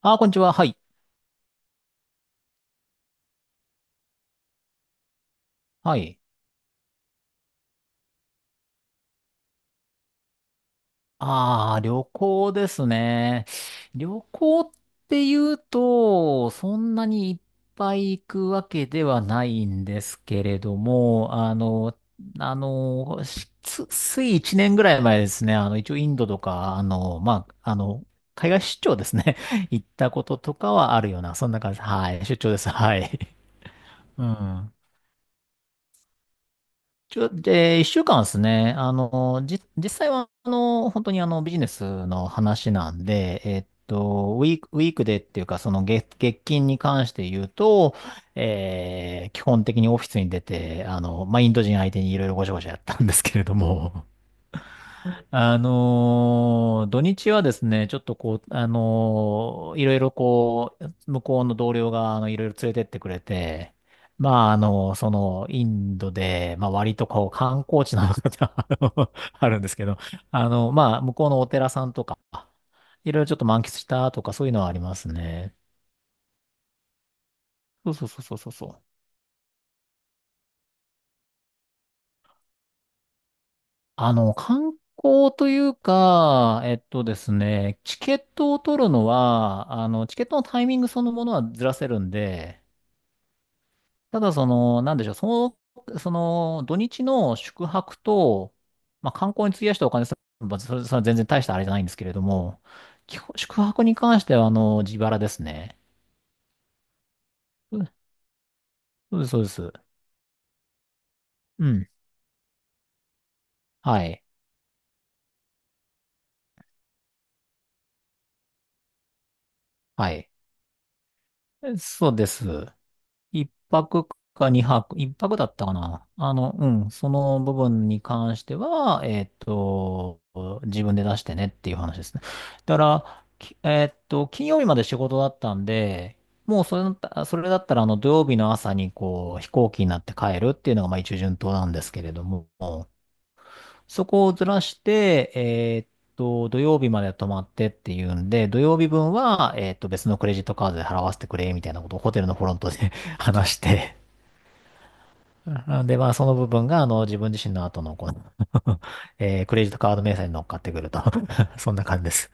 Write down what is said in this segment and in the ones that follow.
こんにちは。はい。はい。ああ、旅行ですね。旅行って言うと、そんなにいっぱい行くわけではないんですけれども、つい1年ぐらい前ですね。一応インドとか、まあ、海外出張ですね。行ったこととかはあるような、そんな感じ。はい。出張です。はい。うん。ちょで、一週間ですね。実際は、本当にビジネスの話なんで、ウィークでっていうか、月金に関して言うと、基本的にオフィスに出て、まあ、インド人相手にいろいろごちゃごちゃやったんですけれども、土日はですね、ちょっとこう、いろいろこう、向こうの同僚が、いろいろ連れてってくれて、まあ、インドで、まあ、割とこう、観光地なのかな。 あるんですけど、まあ、向こうのお寺さんとか、いろいろちょっと満喫したとか、そういうのはありますね。そうそうそうそうそう。観光というか、えっとですね、チケットを取るのは、チケットのタイミングそのものはずらせるんで、ただその、なんでしょう、その、土日の宿泊と、まあ、観光に費やしたお金さ、まばそれは全然大したあれじゃないんですけれども、基本宿泊に関しては、自腹ですね。うん、そうです、そうです。うん。はい。はい。そうです。1泊か2泊、1泊だったかな。うん、その部分に関しては、えっと、自分で出してねっていう話ですね。だから、きえっと、金曜日まで仕事だったんで、もうそれだった、それだったら、土曜日の朝に、こう、飛行機になって帰るっていうのが、まあ、一応順当なんですけれども、そこをずらして、土曜日まで泊まってっていうんで、土曜日分は、別のクレジットカードで払わせてくれ、みたいなことをホテルのフロントで 話して、なので、まあ、その部分が、自分自身の後の、この クレジットカード明細に乗っかってくると そんな感じです。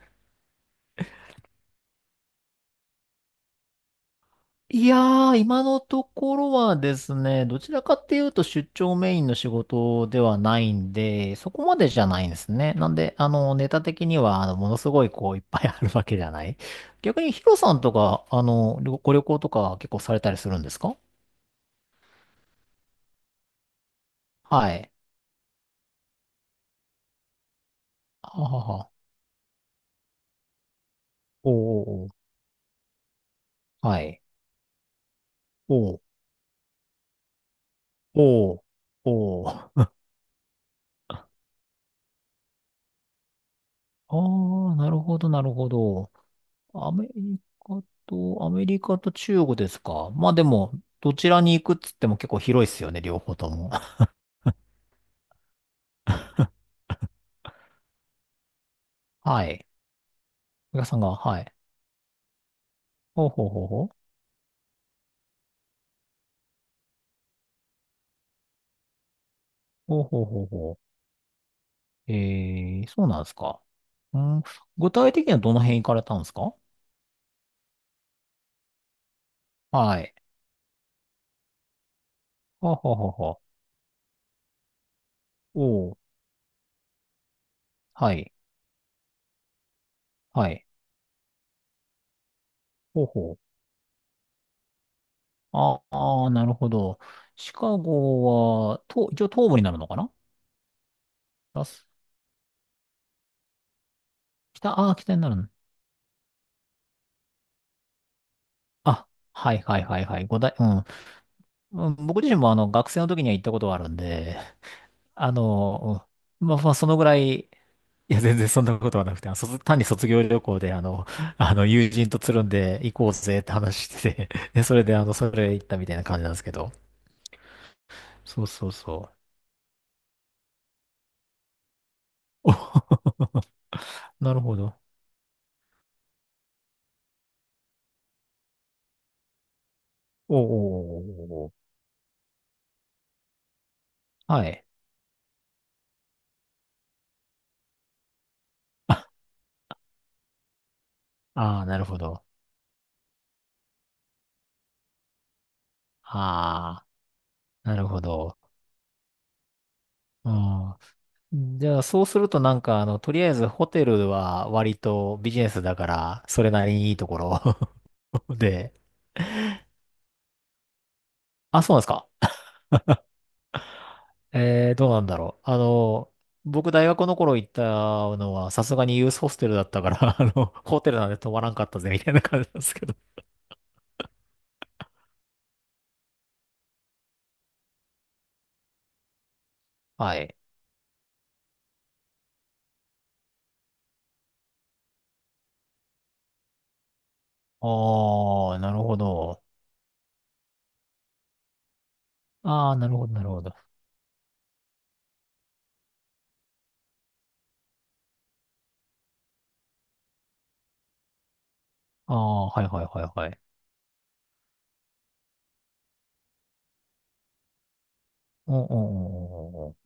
いやー、今のところはですね、どちらかっていうと出張メインの仕事ではないんで、そこまでじゃないんですね。なんで、ネタ的には、ものすごい、こう、いっぱいあるわけじゃない。逆にヒロさんとか、旅行とか結構されたりするんですか？はい。ははは。おーおーおー。はい。おーおーおー。ああ、なるほど、なるほど。アメリカと中国ですか。まあでも、どちらに行くっつっても結構広いっすよね、両方とも。はい。皆さんが、はい。ほうほうほうほう。ほうほうほうほう。えー、そうなんですか。うん、具体的にはどの辺行かれたんですか？はい。ほうほうほうほう。おう。はい。はい。ほうほう。ああ、なるほど。シカゴは、と、一応東部になるのかな？ラス、北、ああ、北になる。あ、はいはいはいはい。五大、うん。うん、僕自身も学生の時には行ったことはあるんで、あの、うん、まあまあそのぐらい、いや全然そんなことはなくて、あの卒単に卒業旅行で友人とつるんで行こうぜって話してて、で、それで行ったみたいな感じなんですけど。そうそうそう。お なるほど。おお、はい。ああー、なるほど。ああ、なるほど。うん、じゃあ、そうするとなんか、とりあえずホテルは割とビジネスだから、それなりにいいところ で。あ、そうなんですか。えー、どうなんだろう。僕大学の頃行ったのは、さすがにユースホステルだったから、ホテルなんで泊まらんかったぜ、みたいな感じなんですけど。はい。あー、なるほど。あー、なるほど、なるほど。あー、はいはいはいはい。うんうんうんうん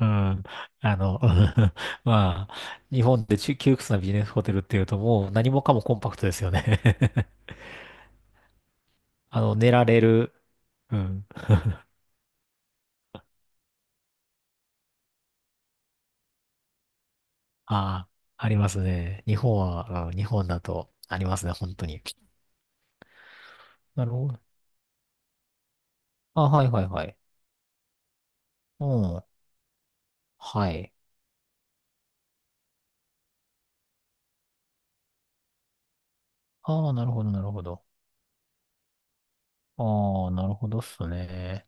うん。あの、まあ、日本で窮屈なビジネスホテルっていうともう何もかもコンパクトですよね。 寝られる。うん。ああ、ありますね。日本は、うん、日本だとありますね、本当に。なるほど。あ、はいはいはい。うん。はい。ああ、なるほど、なるほど。ああ、なるほどっすね。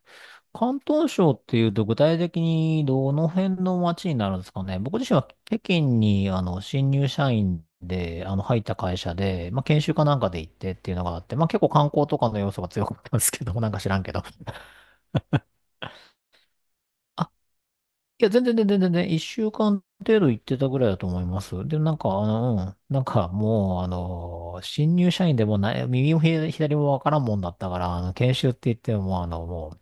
広東省っていうと具体的にどの辺の街になるんですかね。僕自身は北京に新入社員で入った会社で、まあ、研修かなんかで行ってっていうのがあって、まあ、結構観光とかの要素が強かったんですけど、なんか知らんけど。あ、いや、全然、一週間程度行ってたぐらいだと思います。で、なんか、うん、なんかもう、新入社員でもない、右も左もわからんもんだったから、研修って言っても、もう、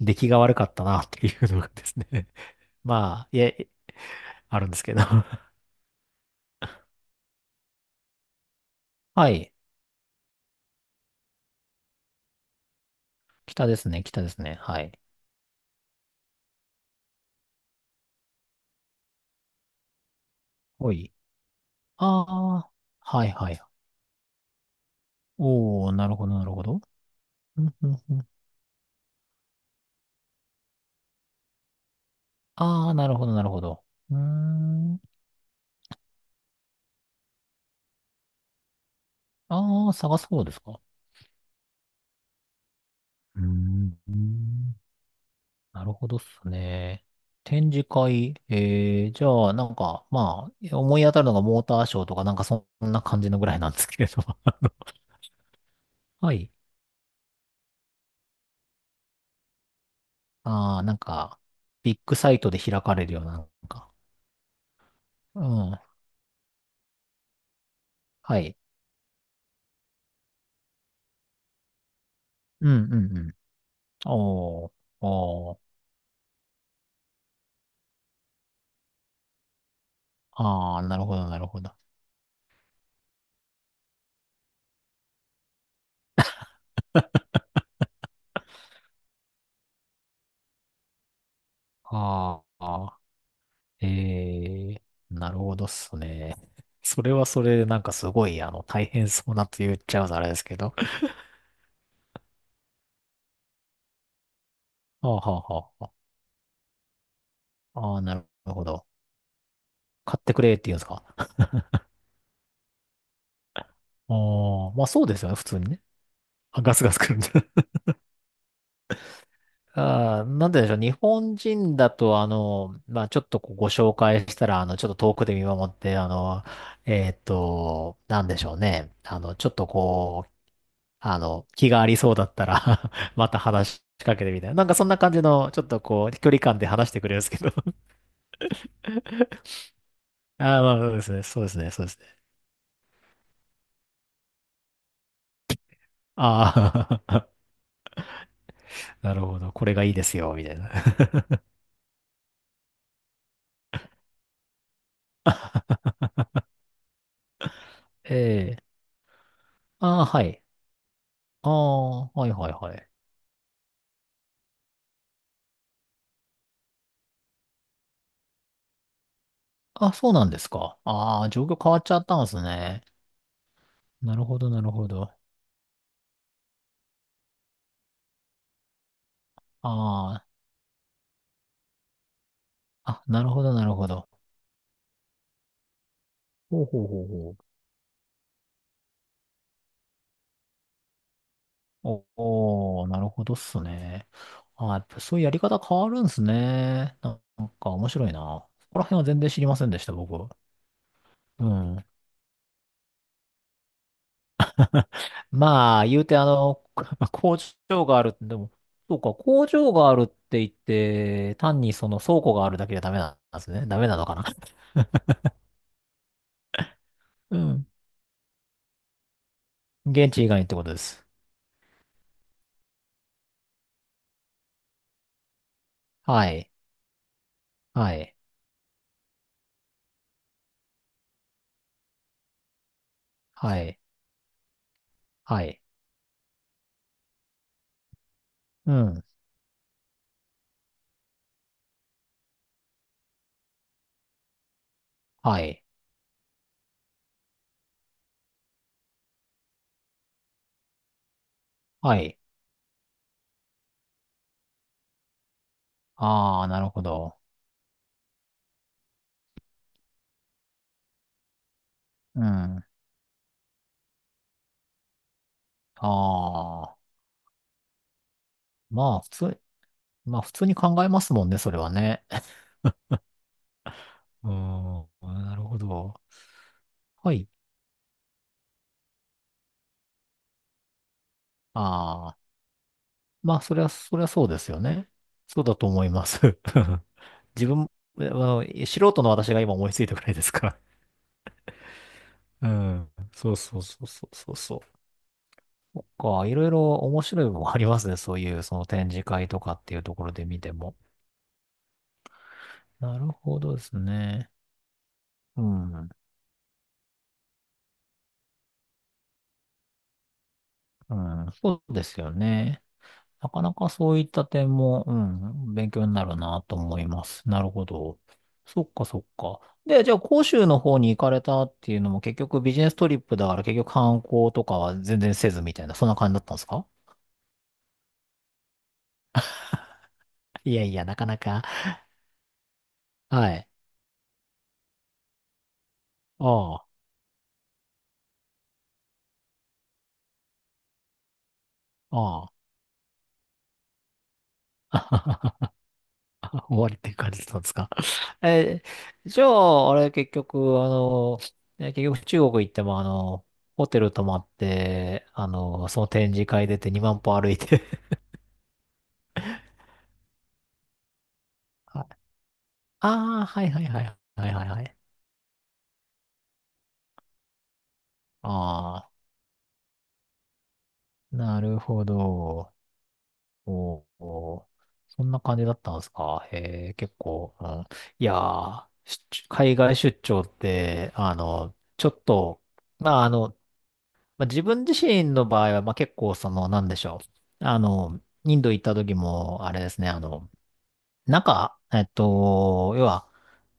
出来が悪かったなっていうのがですね。まあ、いや、あるんですけど。はい。北ですね、北ですね。はい。おい。ああ、はいはい。おー、なるほど、なるほど。うんうんうん、ああ、なるほど、なるほど。うーん。ああ、探す方ですか。うーん。なるほどっすね。展示会、えー、じゃあ、なんか、まあ、思い当たるのがモーターショーとか、なんかそんな感じのぐらいなんですけれど。はい。ああ、なんか、ビッグサイトで開かれるような、なんか。うん。はい。うん、うん、うん。おー、おー、あー、なるほど、なるほど。あー、あー、えー、なるほどっすね。それはそれでなんかすごい、大変そうなと言っちゃうとあれですけど。あー、はあ、はあ、はあ、あー、なるほど。買ってくれって言うんですか？ああー、まあそうですよね、普通にね。あ、ガスガス来るんで。あー、なんででしょう。日本人だと、まあ、ちょっとこうご紹介したら、ちょっと遠くで見守って、なんでしょうね。ちょっとこう、気がありそうだったら また話しかけてみたいな。なんかそんな感じの、ちょっとこう、距離感で話してくれるんですけど。 ああ、まあ、そうですね。そうですね。そうですね。ああ なるほど。これがいいですよ、みたいな。 ええ。ああ、はい。ああ、はいはいはい。あ、そうなんですか。ああ、状況変わっちゃったんですね。なるほど、なるほど。ああ、あ、なるほど、なるほど。ほうほうほうほう。おおー、なるほどっすね。ああ、やっぱそういうやり方変わるんすね。なんか面白いな。そこら辺は全然知りませんでした、僕。うん。まあ、言うて工場がある、でも、そうか、工場があるって言って、単にその倉庫があるだけじゃダメなんですね。ダメなのかな。うん。現地以外にってことです。はい。はい。はい。はい。うん。はい。はい。ああ、なるほど。うん。ああ。まあ、普通、まあ、普通に考えますもんね、それはね。うーん。なるほど。はい。ああ。まあ、それは、それはそうですよね。そうだと思います。自分、素人の私が今思いついたくらいですから。うん。そうそうそうそうそうそう。そっか、いろいろ面白いものありますね。そういう、その展示会とかっていうところで見ても。なるほどですね。うん。うん。そうですよね。なかなかそういった点も、うん、勉強になるなと思います。なるほど。そっかそっか。で、じゃあ、広州の方に行かれたっていうのも結局ビジネストリップだから結局観光とかは全然せずみたいな、そんな感じだったんですか？いやいや、なかなか。はい。ああ、ああ。終わりっていう感じだったんですか？えー、じゃあ、あれ、結局、あの、ね結局中国行っても、ホテル泊まって、その展示会出て2万歩歩いて はい。ああ、はいはいはい。はいはいはい。ああ、なるほど。おーおー、そんな感じだったんですか。へえ、結構、うん。いやー、出海外出張って、あの、ちょっと、まあ、あの、まあ、自分自身の場合は、まあ、結構その、なんでしょう。インド行った時も、あれですね、中、えっと、要は、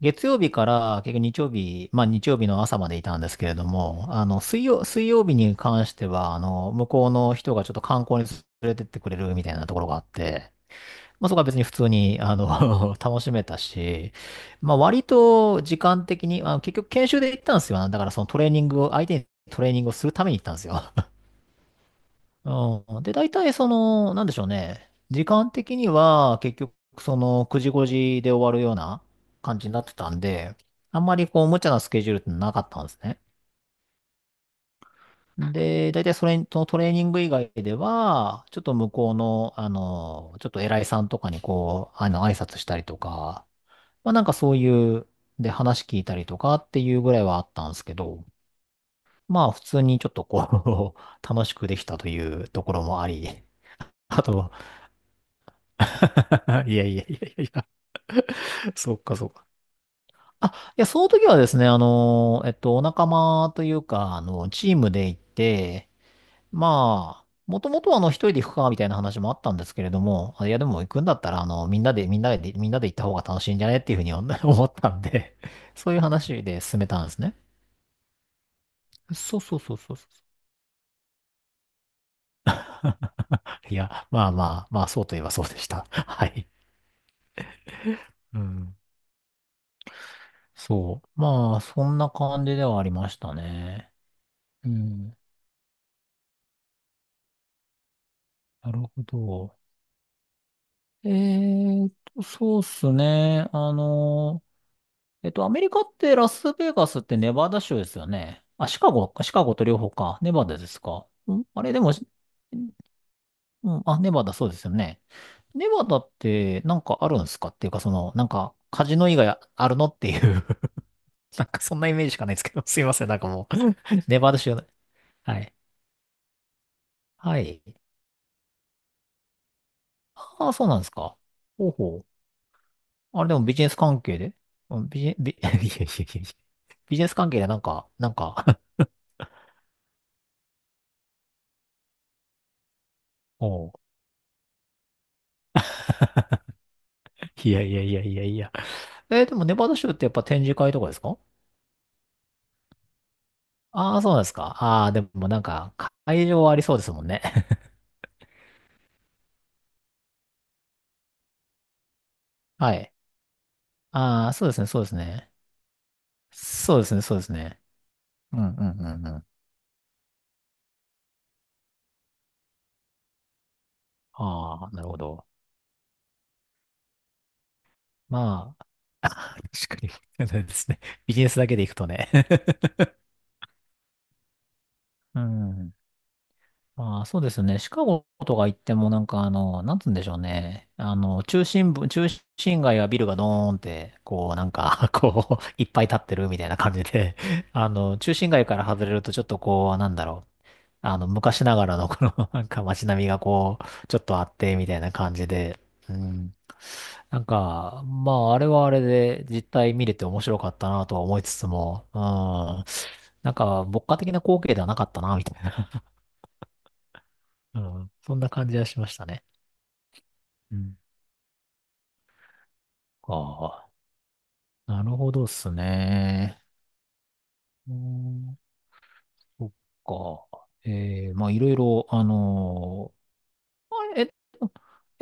月曜日から結局日曜日、まあ日曜日の朝までいたんですけれども、水曜日に関しては、向こうの人がちょっと観光に連れてってくれるみたいなところがあって、まあそこは別に普通に、楽しめたし、まあ割と時間的に、結局研修で行ったんですよ。だからそのトレーニングを、相手にトレーニングをするために行ったんですよ。うん。で、大体その、なんでしょうね。時間的には結局その9時5時で終わるような感じになってたんで、あんまりこう無茶なスケジュールってなかったんですね。で、大体それとトレーニング以外では、ちょっと向こうの、ちょっと偉いさんとかにこう、挨拶したりとか、まあなんかそういう、で話聞いたりとかっていうぐらいはあったんですけど、まあ普通にちょっとこう 楽しくできたというところもあり、あと いやいやいやいやいや、そうかそうか。その時はですね、お仲間というか、チームで行って、まあ、もともとは一人で行くか、みたいな話もあったんですけれども、あいや、でも行くんだったら、みんなで行った方が楽しいんじゃねっていうふうに思 思ったんで、そういう話で進めたんですね。そうそうそうそうそう。いや、まあ、そうといえばそうでした。はい。うん。そう。まあ、そんな感じではありましたね。うん。なるほど。えーと、そうっすね。えっと、アメリカってラスベガスってネバダ州ですよね。あ、シカゴか、シカゴと両方か。ネバダですか。んあれ、でも、しうん、あ、ネバダそうですよね。ネバダってなんかあるんですかっていうか、その、なんか、カジノ以外あるのっていう なんかそんなイメージしかないですけど、すいません、なんかもう、ネバダ州。はい。はい。ああ、そうなんですか。ほうほう。あれでもビジネス関係でうんビジネ、ビ、いやいやいやいや、ビジネス関係でなんか、なんか おういやいやいやいやいや。えーでもネバダ州ってやっぱ展示会とかですか？ああー、そうなんですか。ああ、でもなんか、会場ありそうですもんね。はい。ああ、そうですね、そうですね。そうですね、そうですね。うんうんうんうん。ああ、なるほど。まあ、確かに、そうですね。ビジネスだけでいくとね。うん。まあ、そうですね。シカゴとか行ってもなんかなんつうんでしょうね。中心街はビルがドーンって、こうなんか こう、いっぱい立ってるみたいな感じで、中心街から外れるとちょっとこう、なんだろう。昔ながらのこの なんか街並みがこう、ちょっとあって、みたいな感じで。うん。なんか、まあ、あれはあれで実態見れて面白かったなとは思いつつも、うん。なんか、牧歌的な光景ではなかったな、みたいな。うん。そんな感じはしましたね。うん。ああ、なるほどっすね。うーん、そっか。ええまあ、いろいろ、あのーあえ、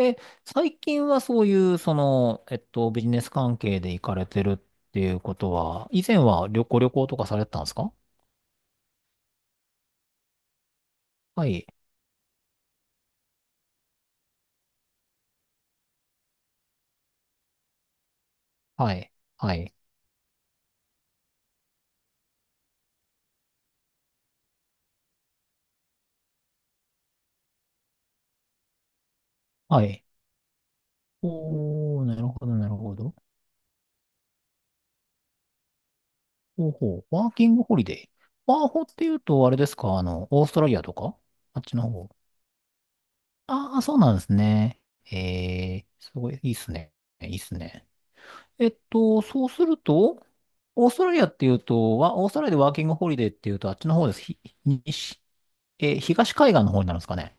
え、最近はそういう、その、えっと、ビジネス関係で行かれてるっていうことは、以前は旅行とかされてたんですか？はい、はい、はい、はい。おー、なるほど、なるほど。ほうほう、ワーキングホリデー。ワーホっていうと、あれですか、オーストラリアとかあっちの方？ああ、そうなんですね。ええ、すごい、いいっすね。いいっすね。えっと、そうすると、オーストラリアでワーキングホリデーっていうと、あっちの方です。西、えー東海岸の方になるんですかね。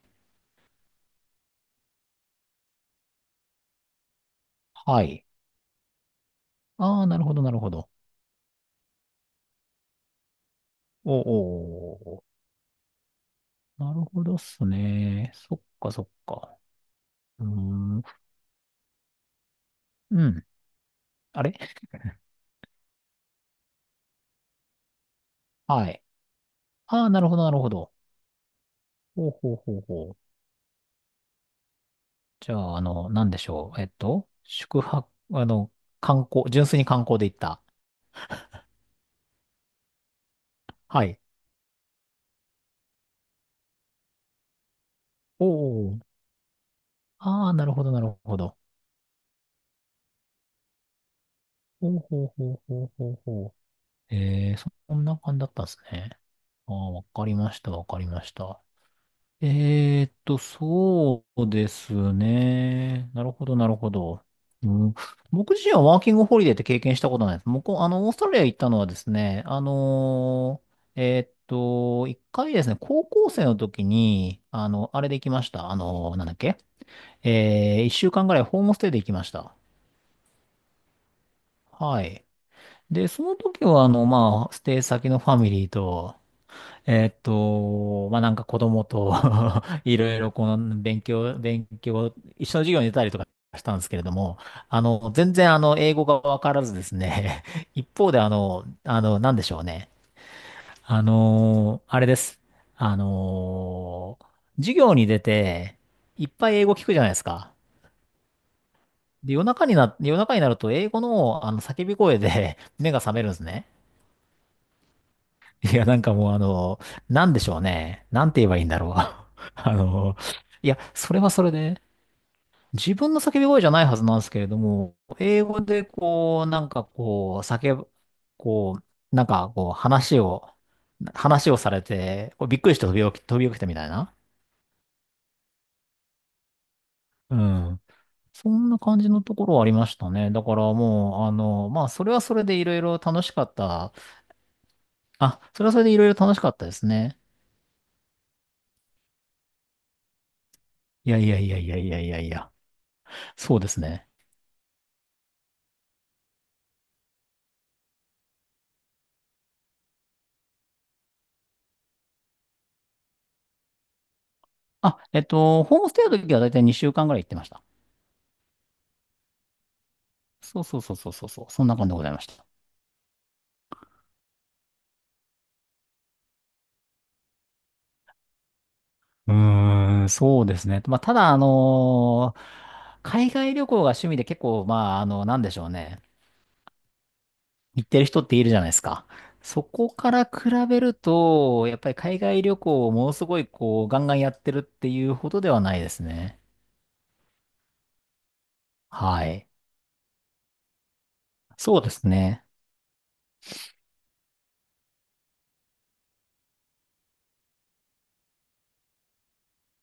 はい。ああ、なるほど、なるほど。おーおー、おなるほどっすね。そっか、そっか。うーん。うん。あれはい。ああ、なるほど、なるほど。ほうほうほうほう。じゃあ、なんでしょう。えっと、宿泊、あの、観光、純粋に観光で行った。はい。おお。ああ、なるほど、なるほど。ほうほうほうほうほうほう。えー、そんな感じだったんですね。ああ、わかりました、わかりました。えーっと、そうですね。なるほど、なるほど。うん、僕自身はワーキングホリデーって経験したことないです。僕、あの、オーストラリア行ったのはですね、えーっと、一回ですね、高校生の時に、あれで行きました。あのーなんだっけ、えー、一週間ぐらいホームステイで行きました。はい。で、その時は、まあ、ステイ先のファミリーと、えーっと、まあ、なんか子供と いろいろこの勉強、勉強、一緒の授業に出たりとかしたんですけれども、あの、全然あの、英語がわからずですね、一方であの、あの、なんでしょうね。あの、あれです。あの、授業に出て、いっぱい英語聞くじゃないですか。で、夜中になると英語の叫び声で 目が覚めるんですね。いや、なんかもうあの、なんでしょうね。なんて言えばいいんだろう。あの、いや、それはそれで、自分の叫び声じゃないはずなんですけれども、英語でこう、なんかこう、叫ぶ、こう、なんかこう、話をされて、こうびっくりして飛び起きたみたいな。うん。そんな感じのところはありましたね。だからもう、まあ、それはそれでいろいろ楽しかった。あ、それはそれでいろいろ楽しかったですね。いやいやいやいやいやいやいや。そうですね。あ、えっと、ホームステイの時はだいたい2週間ぐらい行ってました。そうそうそうそうそうそう、そんな感じでございました。うーん、そうですね。まあ、ただ、海外旅行が趣味で結構、なんでしょうね。行ってる人っているじゃないですか。そこから比べると、やっぱり海外旅行をものすごい、こう、ガンガンやってるっていうほどではないですね。はい。そうですね。